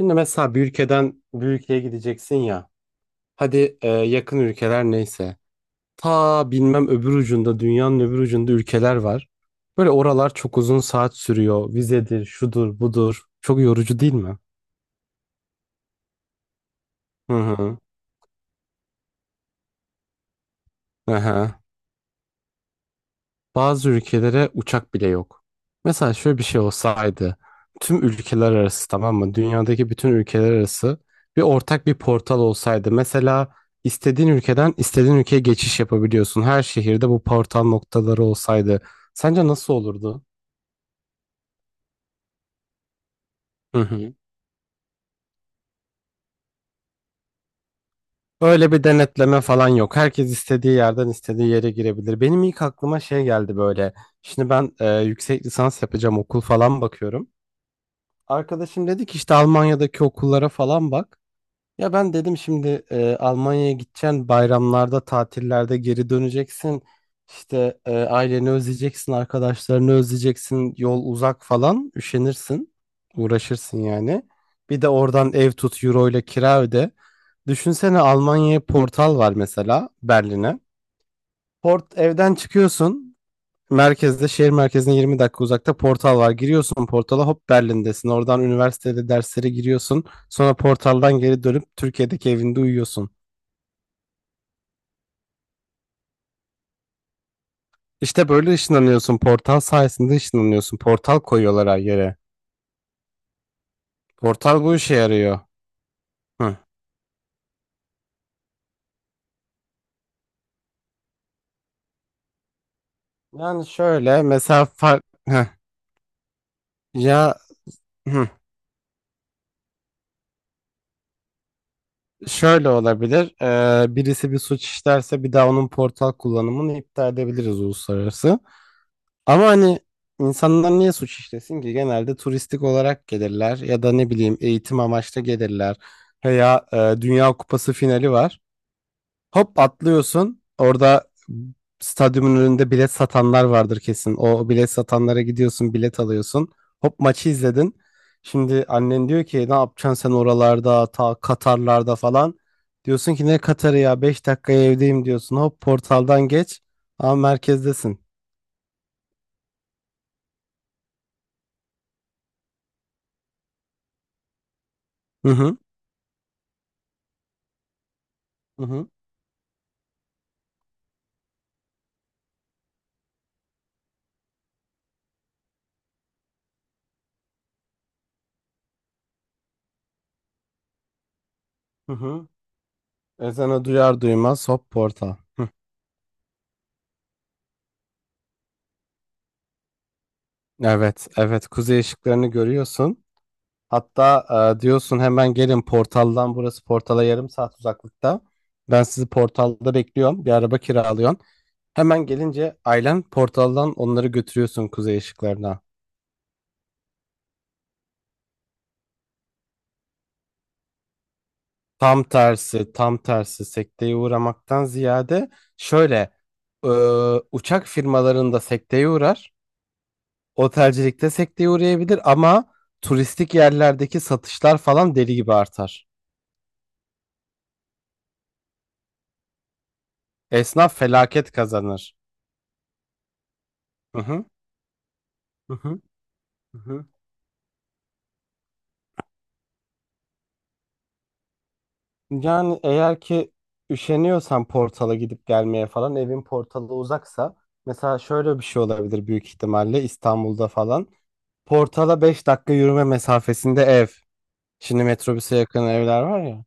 Şimdi mesela bir ülkeden bir ülkeye gideceksin ya. Hadi yakın ülkeler neyse. Ta bilmem öbür ucunda dünyanın öbür ucunda ülkeler var. Böyle oralar çok uzun saat sürüyor. Vizedir, şudur, budur. Çok yorucu değil mi? Hı hı. Aha. Bazı ülkelere uçak bile yok. Mesela şöyle bir şey olsaydı, tüm ülkeler arası tamam mı? Dünyadaki bütün ülkeler arası bir ortak bir portal olsaydı. Mesela istediğin ülkeden istediğin ülkeye geçiş yapabiliyorsun. Her şehirde bu portal noktaları olsaydı. Sence nasıl olurdu? Hı hı. Öyle bir denetleme falan yok. Herkes istediği yerden istediği yere girebilir. Benim ilk aklıma şey geldi böyle. Şimdi ben yüksek lisans yapacağım okul falan bakıyorum. Arkadaşım dedi ki işte Almanya'daki okullara falan bak. Ya ben dedim şimdi Almanya'ya gideceksin, bayramlarda, tatillerde geri döneceksin. İşte aileni özleyeceksin, arkadaşlarını özleyeceksin, yol uzak falan, üşenirsin, uğraşırsın yani. Bir de oradan ev tut, euro ile kira öde. Düşünsene Almanya'ya portal var mesela Berlin'e. Evden çıkıyorsun. Şehir merkezine 20 dakika uzakta portal var. Giriyorsun portala hop Berlin'desin. Oradan üniversitede derslere giriyorsun. Sonra portaldan geri dönüp Türkiye'deki evinde uyuyorsun. İşte böyle ışınlanıyorsun. Portal sayesinde ışınlanıyorsun. Portal koyuyorlar her yere. Portal bu işe yarıyor. Hı. Yani şöyle mesela Heh. Ya, hı. Şöyle olabilir. Birisi bir suç işlerse bir daha onun portal kullanımını iptal edebiliriz uluslararası. Ama hani insanlar niye suç işlesin ki? Genelde turistik olarak gelirler ya da ne bileyim eğitim amaçlı gelirler. Veya Dünya Kupası finali var. Hop atlıyorsun. Orada stadyumun önünde bilet satanlar vardır kesin. O bilet satanlara gidiyorsun, bilet alıyorsun. Hop maçı izledin. Şimdi annen diyor ki ne yapacaksın sen oralarda, ta Katarlarda falan. Diyorsun ki ne Katar'ı ya 5 dakikaya evdeyim diyorsun. Hop portaldan geç. Ama merkezdesin. Hı hı. Hı hı. Hı hı. Ezanı duyar duymaz hop portal. Hı. Evet, evet kuzey ışıklarını görüyorsun. Hatta diyorsun hemen gelin portaldan burası portala yarım saat uzaklıkta. Ben sizi portalda bekliyorum. Bir araba kiralıyorsun. Hemen gelince ailen portaldan onları götürüyorsun kuzey ışıklarına. Tam tersi, tam tersi sekteye uğramaktan ziyade şöyle e, uçak firmalarında sekteye uğrar. Otelcilikte sekteye uğrayabilir ama turistik yerlerdeki satışlar falan deli gibi artar. Esnaf felaket kazanır. Hı hı, hı hı, hı hı. Yani eğer ki üşeniyorsan portala gidip gelmeye falan evin portalı uzaksa mesela şöyle bir şey olabilir büyük ihtimalle İstanbul'da falan. Portala 5 dakika yürüme mesafesinde ev. Şimdi metrobüse yakın evler var ya.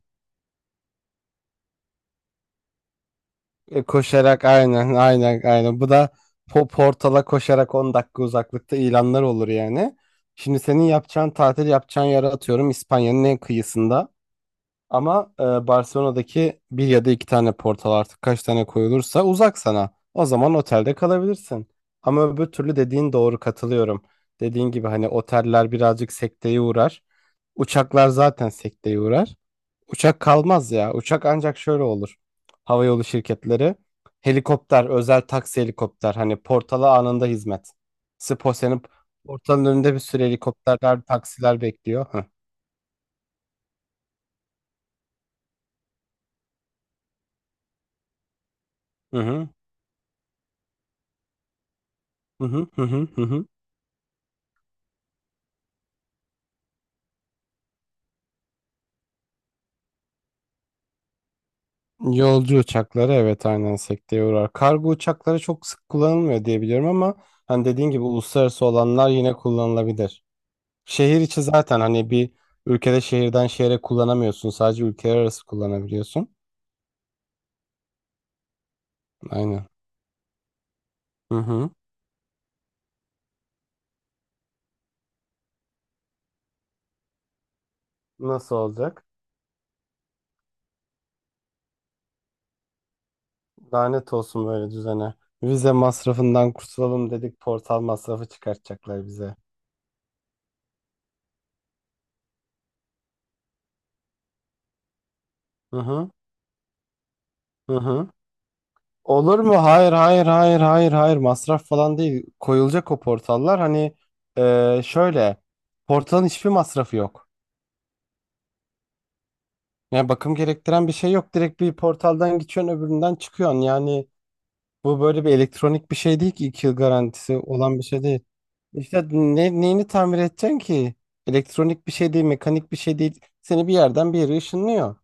Koşarak aynen aynen aynen. Bu da portala koşarak 10 dakika uzaklıkta ilanlar olur yani. Şimdi senin yapacağın tatil yapacağın yere atıyorum İspanya'nın en kıyısında. Ama Barcelona'daki bir ya da iki tane portal artık kaç tane koyulursa uzak sana. O zaman otelde kalabilirsin. Ama öbür türlü dediğin doğru katılıyorum. Dediğin gibi hani oteller birazcık sekteye uğrar. Uçaklar zaten sekteye uğrar. Uçak kalmaz ya. Uçak ancak şöyle olur. Havayolu şirketleri. Helikopter, özel taksi helikopter. Hani portala anında hizmet. Senin portalın önünde bir sürü helikopterler, taksiler bekliyor. Hı hı hı hı hı hı. Hı hı. Hı. Yolcu uçakları evet aynen sekteye uğrar. Kargo uçakları çok sık kullanılmıyor diye biliyorum ama hani dediğin gibi uluslararası olanlar yine kullanılabilir. Şehir içi zaten hani bir ülkede şehirden şehre kullanamıyorsun. Sadece ülkeler arası kullanabiliyorsun. Aynen. Hı hı. Nasıl olacak? Lanet olsun böyle düzene. Vize masrafından kurtulalım dedik portal masrafı çıkartacaklar bize. Hı hı hı hı. Olur mu? Hayır hayır hayır hayır hayır masraf falan değil. Koyulacak o portallar hani şöyle portalın hiçbir masrafı yok. Yani bakım gerektiren bir şey yok. Direkt bir portaldan geçiyorsun öbüründen çıkıyorsun. Yani bu böyle bir elektronik bir şey değil ki 2 yıl garantisi olan bir şey değil. İşte neyini tamir edeceksin ki? Elektronik bir şey değil, mekanik bir şey değil. Seni bir yerden bir yere ışınlıyor.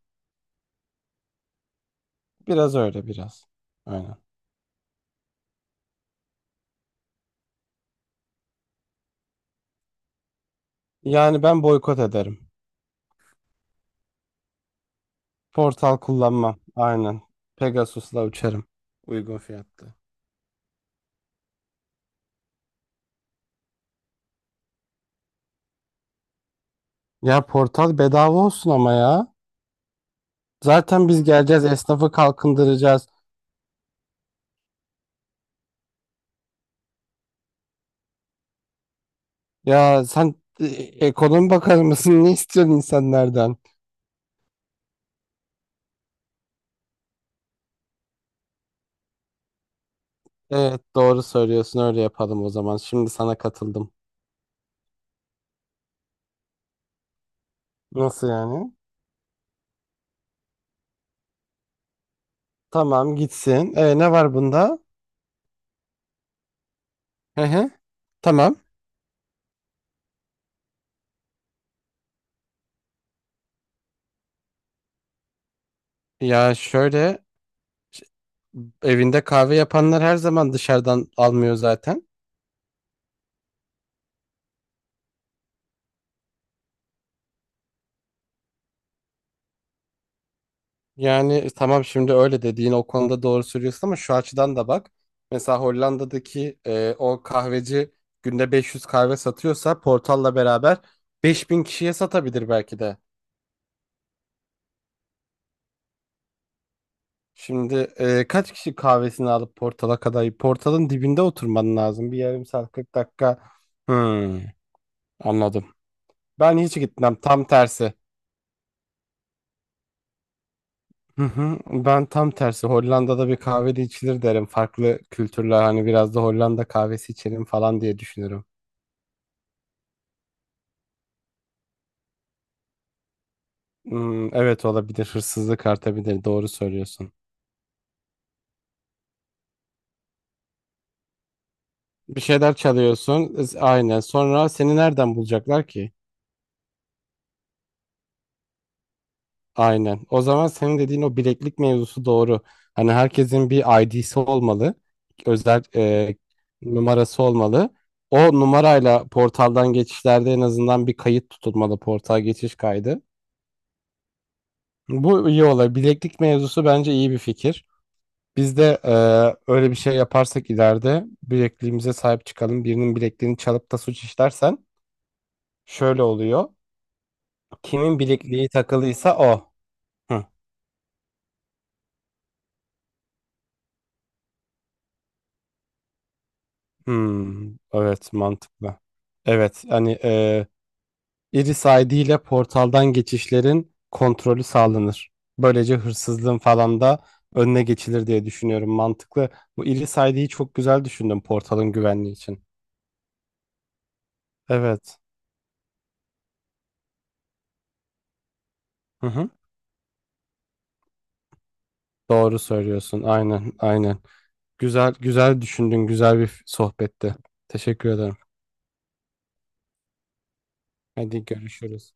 Biraz öyle biraz. Aynen. Yani ben boykot ederim. Portal kullanmam. Aynen. Pegasus'la uçarım. Uygun fiyatlı. Ya portal bedava olsun ama ya. Zaten biz geleceğiz, esnafı kalkındıracağız. Ya sen e, ekonomi bakanı mısın? Ne istiyorsun insanlardan? Evet, doğru söylüyorsun. Öyle yapalım o zaman. Şimdi sana katıldım. Nasıl yani? Tamam gitsin. E, ne var bunda? Hı hı. Tamam. Ya şöyle ş- evinde kahve yapanlar her zaman dışarıdan almıyor zaten. Yani tamam şimdi öyle dediğin o konuda doğru söylüyorsun ama şu açıdan da bak. Mesela Hollanda'daki o kahveci günde 500 kahve satıyorsa Portal'la beraber 5.000 kişiye satabilir belki de. Şimdi kaç kişi kahvesini alıp Portal'a kadar? Portal'ın dibinde oturman lazım. Bir yarım saat 40 dakika. Hmm, anladım. Ben hiç gitmem tam tersi. Hı hı. Ben tam tersi Hollanda'da bir kahvede içilir derim. Farklı kültürler hani biraz da Hollanda kahvesi içelim falan diye düşünürüm. Hmm, evet olabilir hırsızlık artabilir doğru söylüyorsun. Bir şeyler çalıyorsun aynen sonra seni nereden bulacaklar ki? Aynen. O zaman senin dediğin o bileklik mevzusu doğru. Hani herkesin bir ID'si olmalı. Özel numarası olmalı. O numarayla portaldan geçişlerde en azından bir kayıt tutulmalı. Portal geçiş kaydı. Bu iyi olay. Bileklik mevzusu bence iyi bir fikir. Biz de öyle bir şey yaparsak ileride bilekliğimize sahip çıkalım. Birinin bilekliğini çalıp da suç işlersen şöyle oluyor. Kimin bilekliği takılıysa o. Hı. Hmm, evet mantıklı. Evet hani Iris ID ile portaldan geçişlerin kontrolü sağlanır. Böylece hırsızlığın falan da önüne geçilir diye düşünüyorum. Mantıklı. Bu Iris ID'yi çok güzel düşündüm portalın güvenliği için. Evet. Hı hı. Doğru söylüyorsun. Aynen, aynen. Güzel, güzel düşündün. Güzel bir sohbetti. Teşekkür ederim. Hadi görüşürüz.